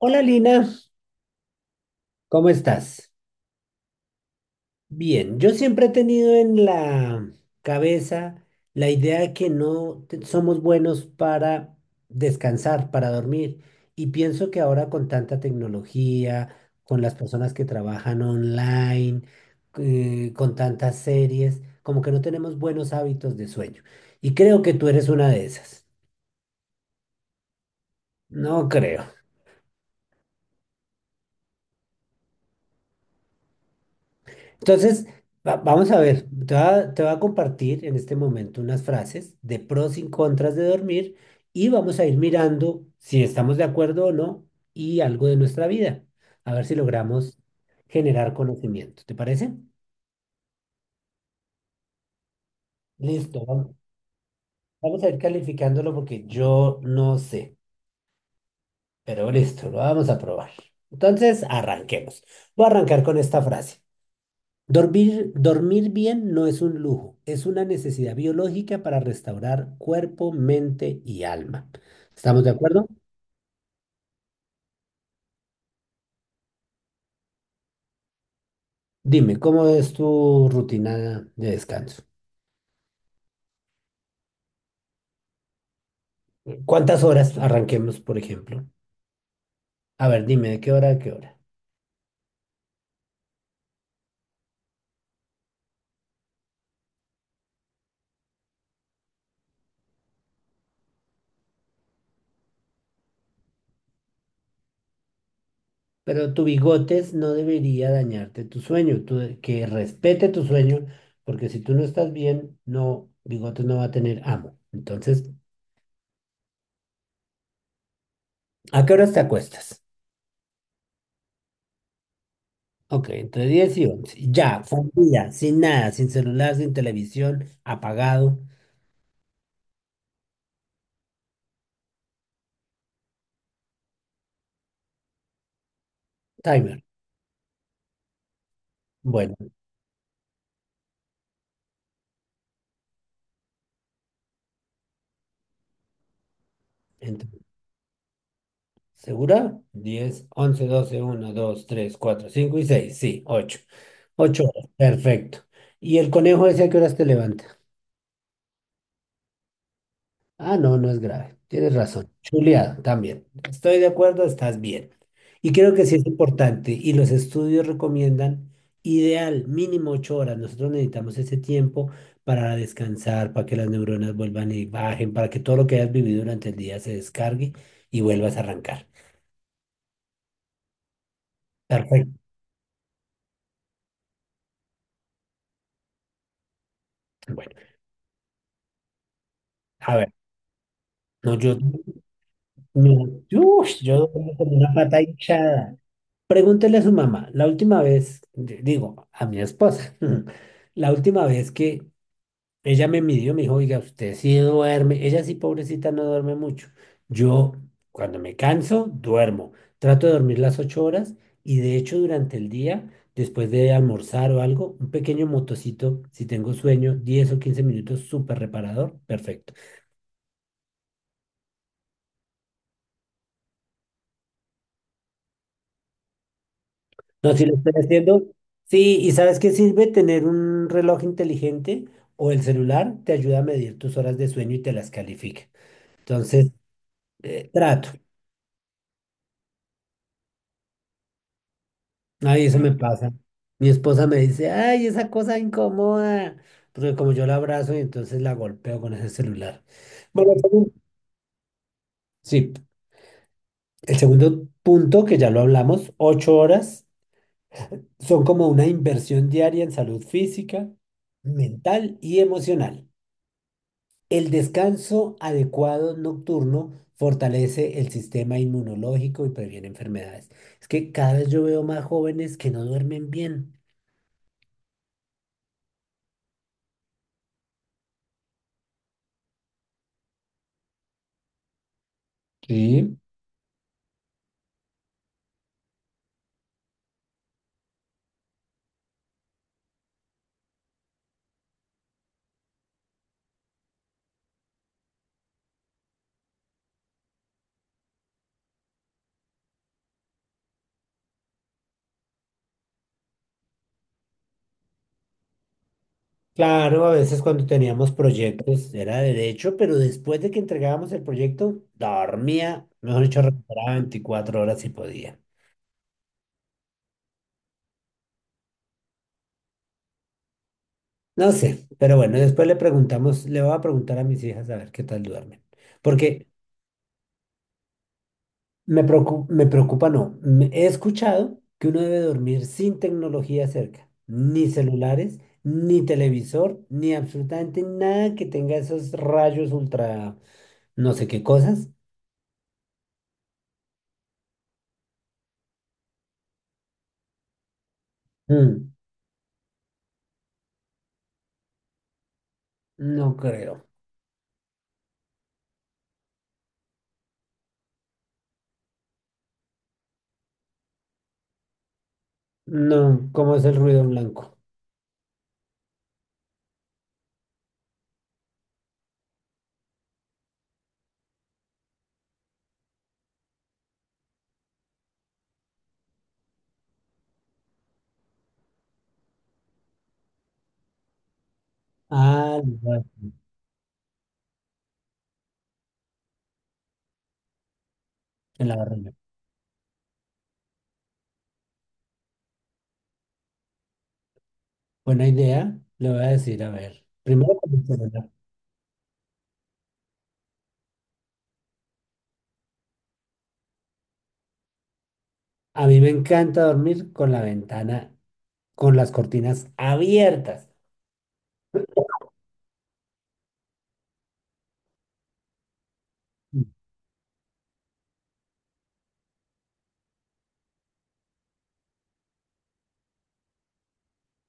Hola Lina, ¿cómo estás? Bien, yo siempre he tenido en la cabeza la idea de que no te- somos buenos para descansar, para dormir. Y pienso que ahora con tanta tecnología, con las personas que trabajan online, con tantas series, como que no tenemos buenos hábitos de sueño. Y creo que tú eres una de esas. No creo. Entonces, vamos a ver, te voy a compartir en este momento unas frases de pros y contras de dormir y vamos a ir mirando si estamos de acuerdo o no y algo de nuestra vida, a ver si logramos generar conocimiento. ¿Te parece? Listo, vamos, vamos a ir calificándolo porque yo no sé, pero listo, lo vamos a probar. Entonces, arranquemos. Voy a arrancar con esta frase. Dormir, dormir bien no es un lujo, es una necesidad biológica para restaurar cuerpo, mente y alma. ¿Estamos de acuerdo? Dime, ¿cómo es tu rutina de descanso? ¿Cuántas horas arranquemos, por ejemplo? A ver, dime, ¿de qué hora a qué hora? Pero tu bigotes no debería dañarte tu sueño, tú que respete tu sueño, porque si tú no estás bien, no, bigotes no va a tener amo. Entonces, ¿a qué horas te acuestas? Ok, entre 10 y 11. Ya, fue un día, sin nada, sin celular, sin televisión, apagado. Timer. Bueno, ent- ¿segura? Diez, once, doce, uno, dos, tres, cuatro, cinco y 6. Sí, ocho horas, perfecto. ¿Y el conejo ese a qué horas te levantas? Ah, no, no es grave. Tienes razón. Chuleado, también. Estoy de acuerdo, estás bien. Y creo que sí es importante. Y los estudios recomiendan ideal, mínimo 8 horas. Nosotros necesitamos ese tiempo para descansar, para que las neuronas vuelvan y bajen, para que todo lo que hayas vivido durante el día se descargue y vuelvas a arrancar. Perfecto. Bueno, a ver. No, yo, no, yo duermo con una pata hinchada. Pregúntele a su mamá, la última vez, digo, a mi esposa, la última vez que ella me midió, me dijo, oiga, usted sí duerme, ella sí, pobrecita, no duerme mucho. Yo, cuando me canso, duermo. Trato de dormir las 8 horas y de hecho durante el día, después de almorzar o algo, un pequeño motocito, si tengo sueño, 10 o 15 minutos, súper reparador, perfecto. No, si lo estoy haciendo. Sí, ¿y sabes qué sirve tener un reloj inteligente o el celular? Te ayuda a medir tus horas de sueño y te las califica. Entonces, trato. Ay, eso me pasa. Mi esposa me dice, ay, esa cosa incomoda. Porque como yo la abrazo y entonces la golpeo con ese celular. Bueno, sí, el segundo punto, que ya lo hablamos, 8 horas, son como una inversión diaria en salud física, mental y emocional. El descanso adecuado nocturno fortalece el sistema inmunológico y previene enfermedades. Es que cada vez yo veo más jóvenes que no duermen bien. Sí, claro, a veces cuando teníamos proyectos era derecho, pero después de que entregábamos el proyecto, dormía, mejor dicho, recuperaba 24 horas si podía. No sé, pero bueno, después le preguntamos, le voy a preguntar a mis hijas a ver qué tal duermen. Porque me preocupa, me preocupa, no. He escuchado que uno debe dormir sin tecnología cerca, ni celulares, ni televisor, ni absolutamente nada que tenga esos rayos ultra, no sé qué cosas. Mm, no creo. No, ¿cómo es el ruido blanco? Ah, el en la barriga. Buena idea, le voy a decir, a ver. Primero con el celular. A mí me encanta dormir con la ventana, con las cortinas abiertas.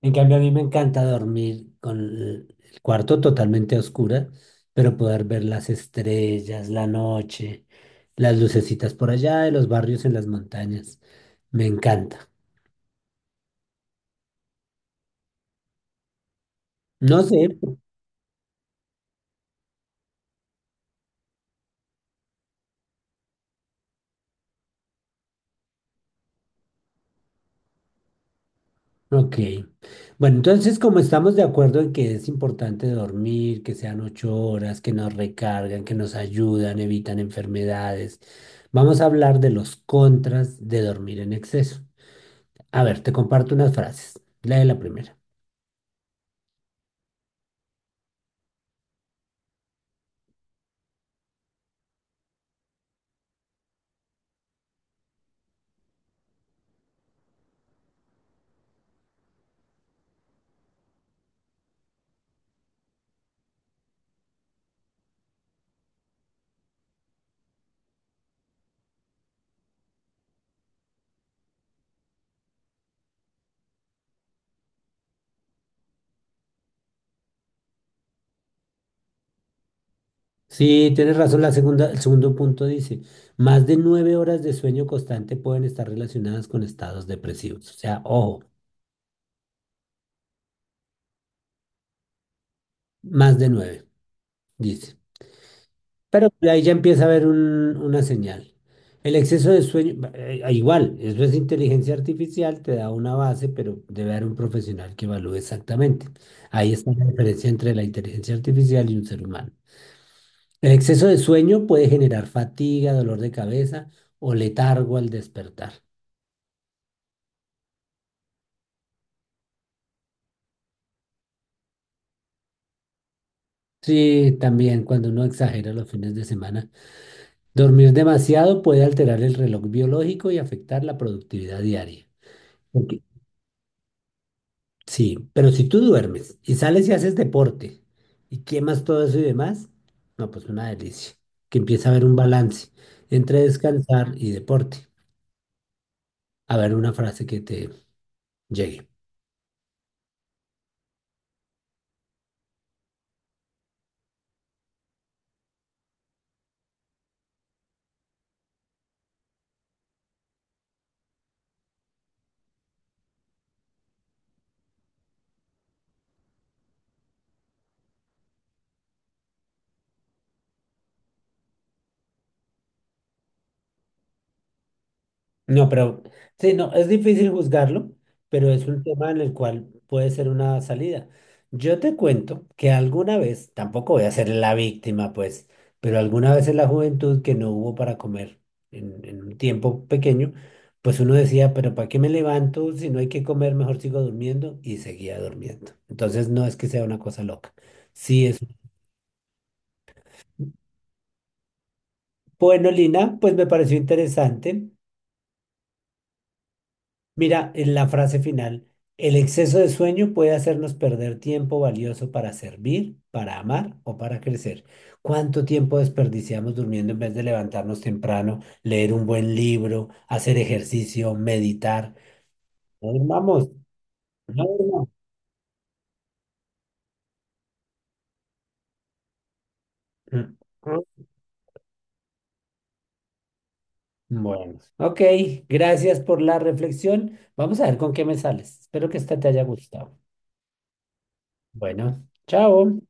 En cambio, a mí me encanta dormir con el cuarto totalmente a oscura, pero poder ver las estrellas, la noche, las lucecitas por allá de los barrios en las montañas. Me encanta. No sé, ok. Bueno, entonces como estamos de acuerdo en que es importante dormir, que sean 8 horas, que nos recargan, que nos ayudan, evitan enfermedades, vamos a hablar de los contras de dormir en exceso. A ver, te comparto unas frases. Lee la primera. Sí, tienes razón. La segunda, el segundo punto dice, más de 9 horas de sueño constante pueden estar relacionadas con estados depresivos. O sea, ojo, más de 9, dice. Pero ahí ya empieza a haber una señal. El exceso de sueño, igual, eso es inteligencia artificial, te da una base, pero debe haber un profesional que evalúe exactamente. Ahí está la diferencia entre la inteligencia artificial y un ser humano. El exceso de sueño puede generar fatiga, dolor de cabeza o letargo al despertar. Sí, también cuando uno exagera los fines de semana. Dormir demasiado puede alterar el reloj biológico y afectar la productividad diaria. Ok. Sí, pero si tú duermes y sales y haces deporte y quemas todo eso y demás, no, pues una delicia. Que empieza a haber un balance entre descansar y deporte. A ver una frase que te llegue. No, pero sí, no, es difícil juzgarlo, pero es un tema en el cual puede ser una salida. Yo te cuento que alguna vez, tampoco voy a ser la víctima, pues, pero alguna vez en la juventud que no hubo para comer en un tiempo pequeño, pues uno decía, pero ¿para qué me levanto si no hay que comer? Mejor sigo durmiendo y seguía durmiendo. Entonces no es que sea una cosa loca. Sí, es bueno, Lina, pues me pareció interesante. Mira, en la frase final, el exceso de sueño puede hacernos perder tiempo valioso para servir, para amar o para crecer. ¿Cuánto tiempo desperdiciamos durmiendo en vez de levantarnos temprano, leer un buen libro, hacer ejercicio, meditar? No durmamos, no durmamos. Mm. Bueno, ok, gracias por la reflexión. Vamos a ver con qué me sales. Espero que esta te haya gustado. Bueno, chao.